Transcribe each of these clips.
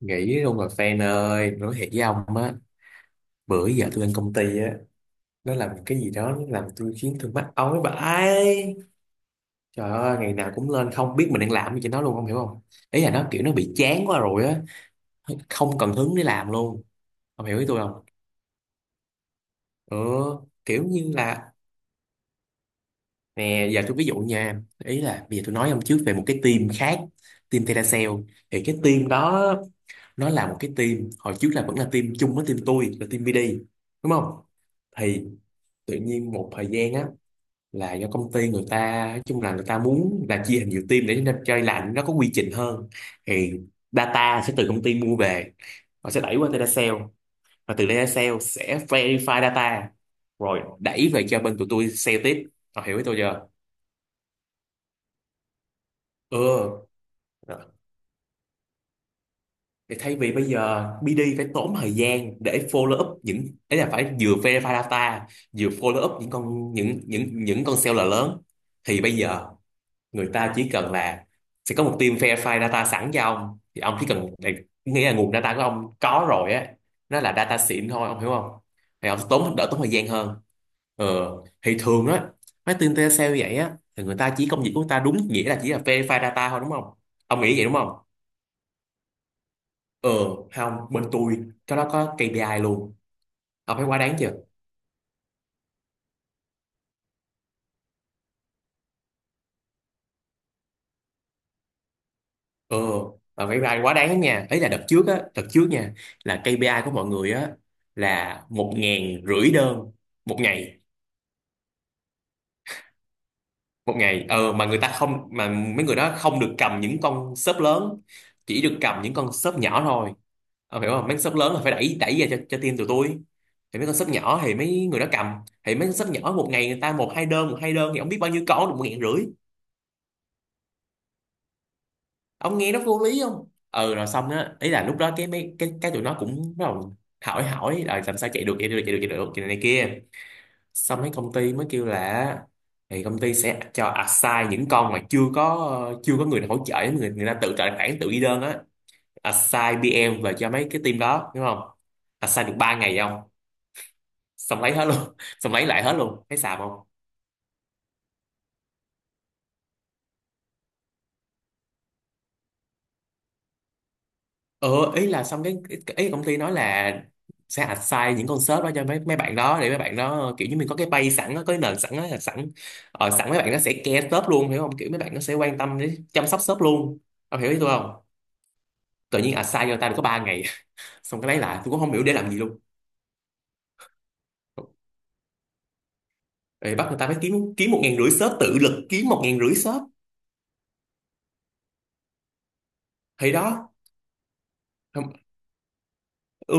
Nghĩ luôn rồi fan ơi, nói thiệt với ông á, bữa giờ tôi lên công ty á, nó làm cái gì đó, nó làm tôi khiến tôi mắc ói vãi. Trời ơi, ngày nào cũng lên không biết mình đang làm gì cho nó luôn, không hiểu không. Ý là nó kiểu nó bị chán quá rồi á, không cần hứng để làm luôn. Ông hiểu ý tôi không? Ừ, kiểu như là, nè giờ tôi ví dụ nha, ý là bây giờ tôi nói ông trước về một cái team khác, team Teracell. Thì cái team đó nó là một cái team hồi trước là vẫn là team chung với team tôi là team BD, đúng không? Thì tự nhiên một thời gian á, là do công ty, người ta nói chung là người ta muốn là chia thành nhiều team để cho chơi lạnh nó có quy trình hơn. Thì data sẽ từ công ty mua về và sẽ đẩy qua data sale, và từ data sale sẽ verify data rồi đẩy về cho bên tụi tôi sale tiếp. Họ hiểu với tôi chưa? Ừ. Rồi. Thì thay vì bây giờ BD phải tốn thời gian để follow up những ấy là phải vừa verify data, vừa follow up những con, những những con seller lớn, thì bây giờ người ta chỉ cần là sẽ có một team verify data sẵn cho ông, thì ông chỉ cần, nghĩa là nguồn data của ông có rồi á, nó là data xịn thôi, ông hiểu không? Thì ông tốn, đỡ tốn thời gian hơn. ờ thì thường á, mấy team telesale sale vậy á thì người ta chỉ, công việc của người ta đúng nghĩa là chỉ là verify data thôi, đúng không? Ông nghĩ vậy đúng không? ờ Không, bên tôi cái đó có KPI luôn, ông thấy quá đáng chưa? Ừ, mà phải vai quá đáng nha. Ấy là đợt trước á, đợt trước nha, là KPI của mọi người á là một ngàn rưỡi đơn một ngày, một ngày. Ờ, mà người ta không, mà mấy người đó không được cầm những con shop lớn, chỉ được cầm những con shop nhỏ thôi. Ờ, hiểu không? Mấy con shop lớn là phải đẩy, đẩy ra cho team tụi tôi. Thì mấy con shop nhỏ thì mấy người đó cầm, thì mấy con shop nhỏ một ngày người ta một hai đơn thì không biết bao nhiêu con được một ngàn rưỡi. Ông nghe nó vô lý không? Ừ, rồi xong á, ý là lúc đó cái mấy cái tụi nó cũng bắt đầu hỏi hỏi là làm sao chạy được, chạy này kia. Xong mấy công ty mới kêu là, thì công ty sẽ cho assign những con mà chưa có người hỗ trợ, người người ta tự trợ bản tự ghi đơn á, assign PM về cho mấy cái team đó, đúng không? Assign được 3 ngày không, xong lấy hết luôn. Xong lấy lại hết luôn, thấy xàm không? ờ Ý là xong cái, ý công ty nói là sẽ assign những con sếp đó cho mấy mấy bạn đó để mấy bạn đó kiểu như mình có cái base sẵn á, có cái nền sẵn á. Sẵn mấy bạn nó sẽ care sếp luôn, hiểu không, kiểu mấy bạn nó sẽ quan tâm đến, chăm sóc sếp luôn, ông hiểu ý tôi không? Tự nhiên assign cho ta được có 3 ngày, xong cái lấy lại, tôi cũng không hiểu để làm gì luôn. Ê, bắt người ta phải kiếm kiếm một ngàn rưỡi shop, tự lực kiếm một ngàn rưỡi shop. Thì đó. Không- ừ,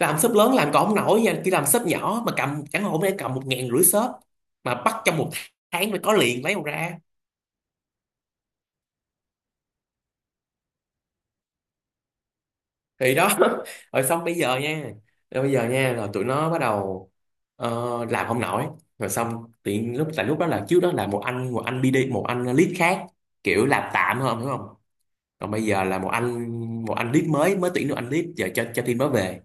làm shop lớn làm còn không nổi nha, khi làm shop nhỏ mà cầm, chẳng hạn hôm nay cầm một ngàn rưỡi shop mà bắt trong một tháng phải có liền, lấy đâu ra? Thì đó. Rồi xong bây giờ nha, rồi tụi nó bắt đầu, ờ, làm không nổi. Rồi xong tiện lúc, tại lúc đó là trước đó là một anh, BD, một anh lead khác kiểu làm tạm hơn, hiểu không? Còn bây giờ là một anh, một anh lead mới, mới tuyển được anh lead giờ cho team đó về.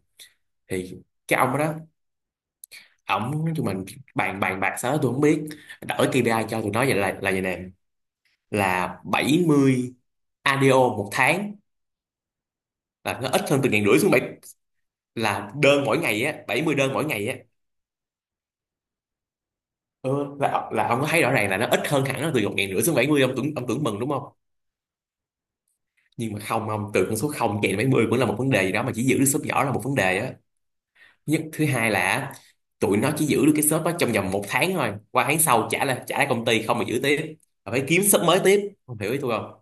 Thì cái ông đó, ổng tụi mình bàn bàn bạc sao đó tôi không biết, đổi KPI cho tụi nó vậy, là vậy nè, là 70 ADO một tháng, là nó ít hơn từ ngàn rưỡi xuống bảy, là đơn mỗi ngày á, 70 đơn mỗi ngày á. Ừ, là ông có thấy rõ ràng là nó ít hơn hẳn, là từ một ngàn rưỡi xuống bảy mươi, ông tưởng, mừng đúng không? Nhưng mà không ông, từ con số không chạy đến bảy mươi cũng là một vấn đề gì đó, mà chỉ giữ được shop nhỏ là một vấn đề á. Nhất, thứ hai là tụi nó chỉ giữ được cái shop đó trong vòng một tháng thôi, qua tháng sau trả lại, công ty không mà giữ tiếp. Mà phải kiếm shop mới tiếp, không hiểu ý tôi không?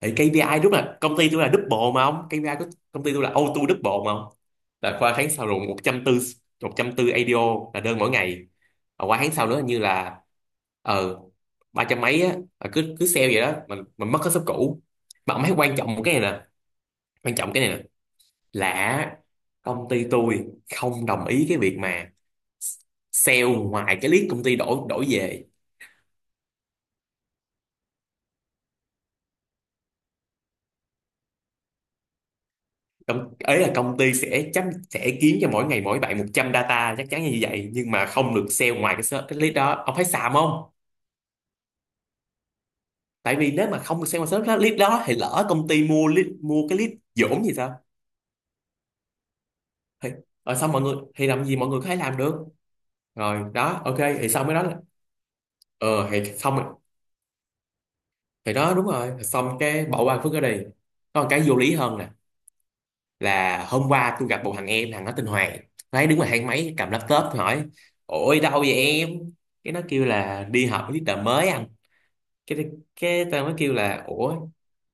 Thì KPI đúng là công ty tôi là double mà ông, KPI của công ty tôi là auto double mà ông, là qua tháng sau rồi 140, 140 ADO là đơn mỗi ngày. Và qua tháng sau nữa hình như là, ờ, ba trăm mấy á, là cứ cứ sale vậy đó, mình, mất hết shop cũ. Mà ông thấy, quan trọng cái này nè, quan trọng cái này nè là công ty tôi không đồng ý cái việc mà sale ngoài cái list công ty đổi, về. Công ấy là công ty sẽ chấm, sẽ kiếm cho mỗi ngày mỗi bạn 100 data, chắc chắn là như vậy, nhưng mà không được sale ngoài cái ser- cái lead đó, ông thấy xàm không? Tại vì nếu mà không được sale ngoài search- cái lead đó thì lỡ công ty mua lead, mua cái lead dỗm gì sao? Thì ở, xong mọi người thì làm gì, mọi người có thể làm được. Rồi đó, ok, thì xong mới nói là, ờ, thì xong rồi. Thì đó, đúng rồi, xong cái bỏ qua phước ở đây. Còn cái vô lý hơn nè, là hôm qua tôi gặp một thằng em, thằng nó tên Hoàng. Nó ấy đứng ngoài thang máy cầm laptop, tôi hỏi ôi đâu vậy em. Cái nó kêu là đi họp với leader mới anh. cái cái tao mới kêu là ủa,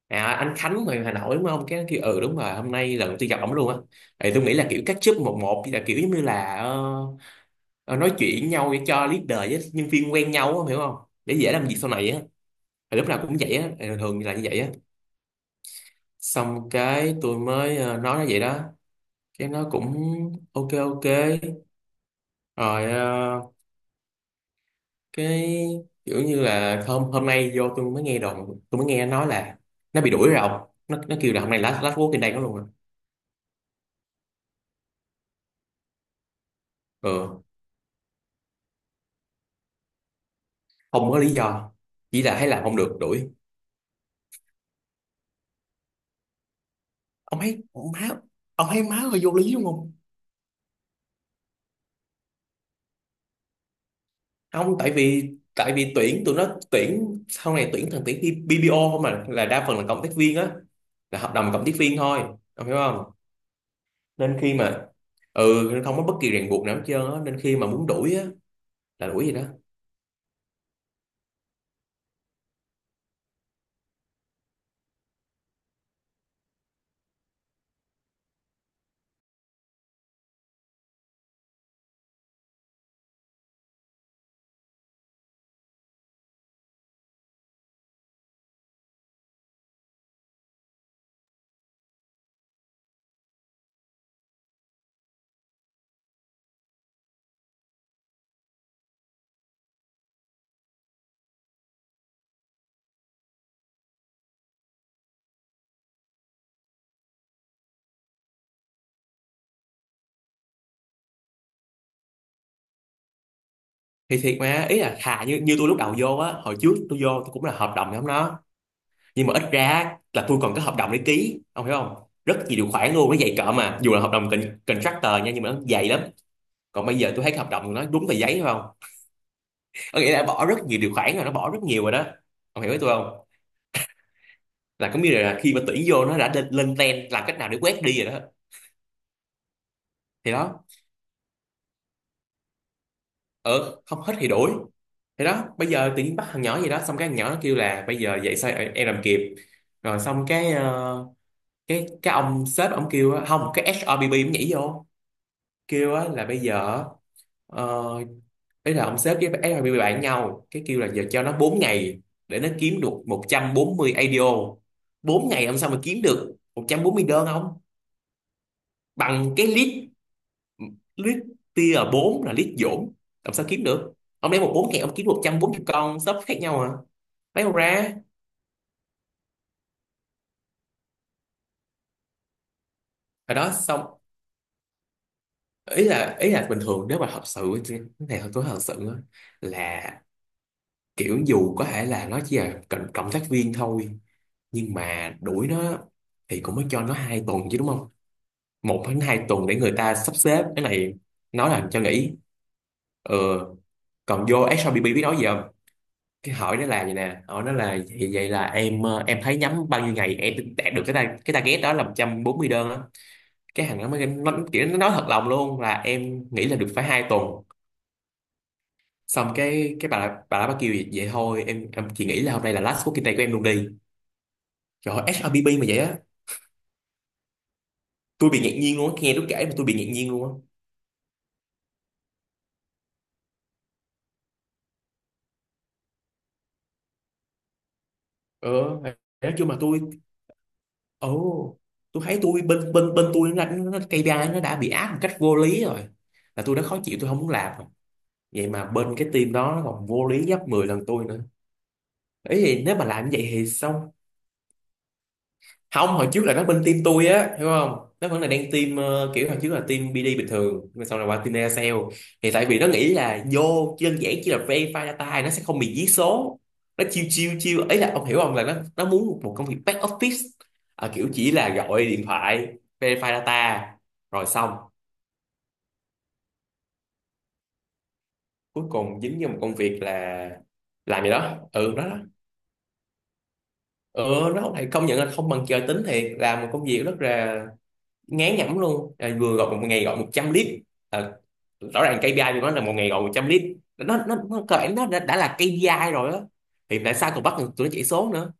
à, anh Khánh người Hà Nội đúng không. Cái nó kêu ừ đúng rồi, hôm nay lần đầu tiên gặp ổng luôn á. Thì tôi nghĩ là kiểu catch up một một là kiểu giống như là, ờ, ờ, nói chuyện với nhau để cho leader với nhân viên quen nhau á, hiểu không? Để dễ làm việc sau này á. Thì lúc nào cũng vậy á, thì thường là như vậy á. Xong cái tôi mới, ờ, nói nó vậy đó. Cái nó cũng ok ok. Rồi ờ, cái, kiểu như là hôm hôm nay vô tôi mới nghe đồn, tôi mới nghe nó nói là nó bị đuổi rồi ông. Nó kêu là hôm nay last, last work in đây nó luôn rồi. Ừ, không có lý do, chỉ là thấy làm không được đuổi. Ông thấy má, hơi vô lý đúng không? Không tại vì, tại vì tuyển, tụi nó tuyển sau này tuyển thằng, tuyển BPO không mà, là đa phần là cộng tác viên á, là hợp đồng cộng tác viên thôi, ông hiểu không? Nên khi mà, ừ, không có bất kỳ ràng buộc nào hết trơn á, nên khi mà muốn đuổi á là đuổi gì đó. Thì thiệt mà, ý là thà như như tôi lúc đầu vô á, hồi trước tôi vô tôi cũng là hợp đồng giống nó, nhưng mà ít ra là tôi còn có hợp đồng để ký, ông hiểu không? Rất nhiều điều khoản luôn, nó dày cỡ, mà dù là hợp đồng con- contractor nha, nhưng mà nó dày lắm. Còn bây giờ tôi thấy cái hợp đồng của nó đúng tờ giấy phải không, có nghĩa là bỏ rất nhiều điều khoản rồi, nó bỏ rất nhiều rồi đó, ông hiểu với tôi không? Là có nghĩa là khi mà tuyển vô nó đã lên, lên trend làm cách nào để quét đi rồi đó. Thì đó. Ờ, không hết thì đuổi. Thì đó, bây giờ tự nhiên bắt thằng nhỏ gì đó, xong cái thằng nhỏ nó kêu là bây giờ vậy sao em làm kịp. Rồi xong cái, ờ, cái ông sếp ông kêu á, không cái HRBB cũng nhảy vô kêu á là bây giờ, ờ, ấy là ông Sếp với HRBB bạn nhau, cái kêu là giờ cho nó 4 ngày để nó kiếm được 140 ADO. 4 ngày ông sao mà kiếm được 140 đơn, không bằng cái list, list tier 4 là list dỗm, làm sao kiếm được. Ông lấy 1 4 ngày ông kiếm 140 con shop khác nhau à, lấy đâu ra. Rồi đó xong, ý là bình thường nếu mà thật sự cái này tôi thật sự á, là kiểu dù có thể là nó chỉ là cộng tác viên thôi, nhưng mà đuổi nó thì cũng mới cho nó 2 tuần chứ, đúng không? 1 đến 2 tuần để người ta sắp xếp cái này, nó làm cho nghỉ. Ờ, còn vô SRBB biết nói gì không? Cái hỏi nó là vậy nè, hỏi nó là vậy, vậy là em em thấy nhắm bao nhiêu ngày em đạt được cái ta cái target đó là 140 đơn á. Cái thằng nó mới nó, kiểu nó nói thật lòng luôn là em nghĩ là được phải 2 tuần. Xong cái cái bà đó bà kêu vậy, vậy thôi em chỉ nghĩ là hôm nay là last working day của em luôn đi. Trời ơi, SRBB mà vậy á. Tôi bị ngạc nhiên luôn á, nghe nó kể mà tôi bị ngạc nhiên luôn á. Ờ, nói chung mà tôi, ồ, tôi thấy tôi bên bên bên tôi nó KPI nó đã bị áp một cách vô lý rồi, là tôi đã khó chịu tôi không muốn làm rồi. Vậy mà bên cái team đó nó còn vô lý gấp 10 lần tôi nữa. Ấy thì nếu mà làm như vậy thì sao, không hồi trước là nó bên team tôi á, hiểu không, nó vẫn là đang team kiểu hồi trước là team BD bình thường nhưng mà sau này qua team Aircell. Thì tại vì nó nghĩ là vô đơn giản chỉ là verify data nó sẽ không bị giết số, nó chiêu chiêu chiêu ấy là ông hiểu không, là nó muốn một công việc back office, à, kiểu chỉ là gọi điện thoại verify data rồi xong. Cuối cùng dính vô một công việc là làm gì đó, ừ đó đó. Ừ, nó lại công nhận là không bằng trời tính thiệt, làm một công việc rất là ngán nhẩm luôn à, vừa gọi một ngày gọi 100 lít. À, rõ ràng KPI của nó là một ngày gọi 100 lít, nó cơ bản nó đã là KPI rồi á, thì tại sao còn bắt được tụi nó chạy số nữa.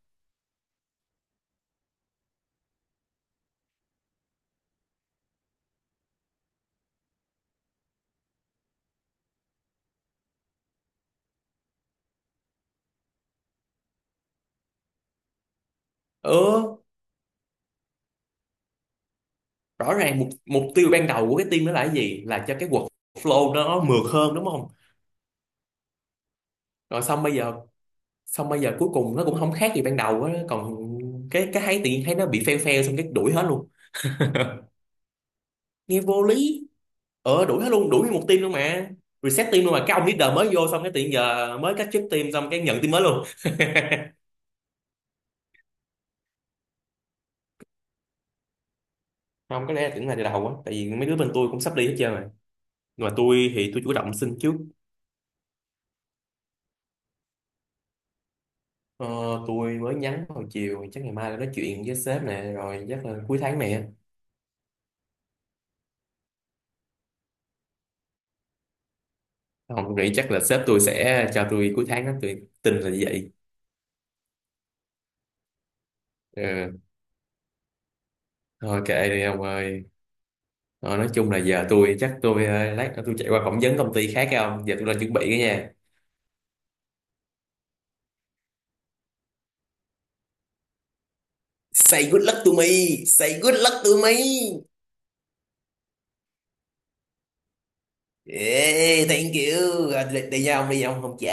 Ừ, rõ ràng mục mục tiêu ban đầu của cái team đó là cái gì, là cho cái workflow nó mượt hơn, đúng không? Rồi xong bây giờ, xong bây giờ cuối cùng nó cũng không khác gì ban đầu á, còn cái thấy tự nhiên thấy nó bị fail fail xong cái đuổi hết luôn, nghe vô lý. Ờ, đuổi hết luôn, đuổi nguyên một team luôn mà, reset team luôn mà, cái ông leader mới vô xong cái tự nhiên giờ mới cách chức team xong cái nhận team mới luôn. Không, có lẽ là tưởng là từ đầu á, tại vì mấy đứa bên tôi cũng sắp đi hết trơn rồi, nhưng mà tôi thì tôi chủ động xin trước. ờ, tôi mới nhắn hồi chiều, chắc ngày mai là nói chuyện với sếp nè, rồi chắc là cuối tháng này á. Không, tôi nghĩ chắc là sếp tôi sẽ cho tôi cuối tháng đó, tôi tin là như vậy. Ừ. Thôi kệ đi ông ơi. Thôi, nói chung là giờ tôi chắc tôi lát nữa tôi chạy qua phỏng vấn công ty khác, không giờ tôi lên chuẩn bị cái nha. Say good luck to me, say good luck to me. Yeah, thank you. Rồi, đi, đi nha ông, không trễ.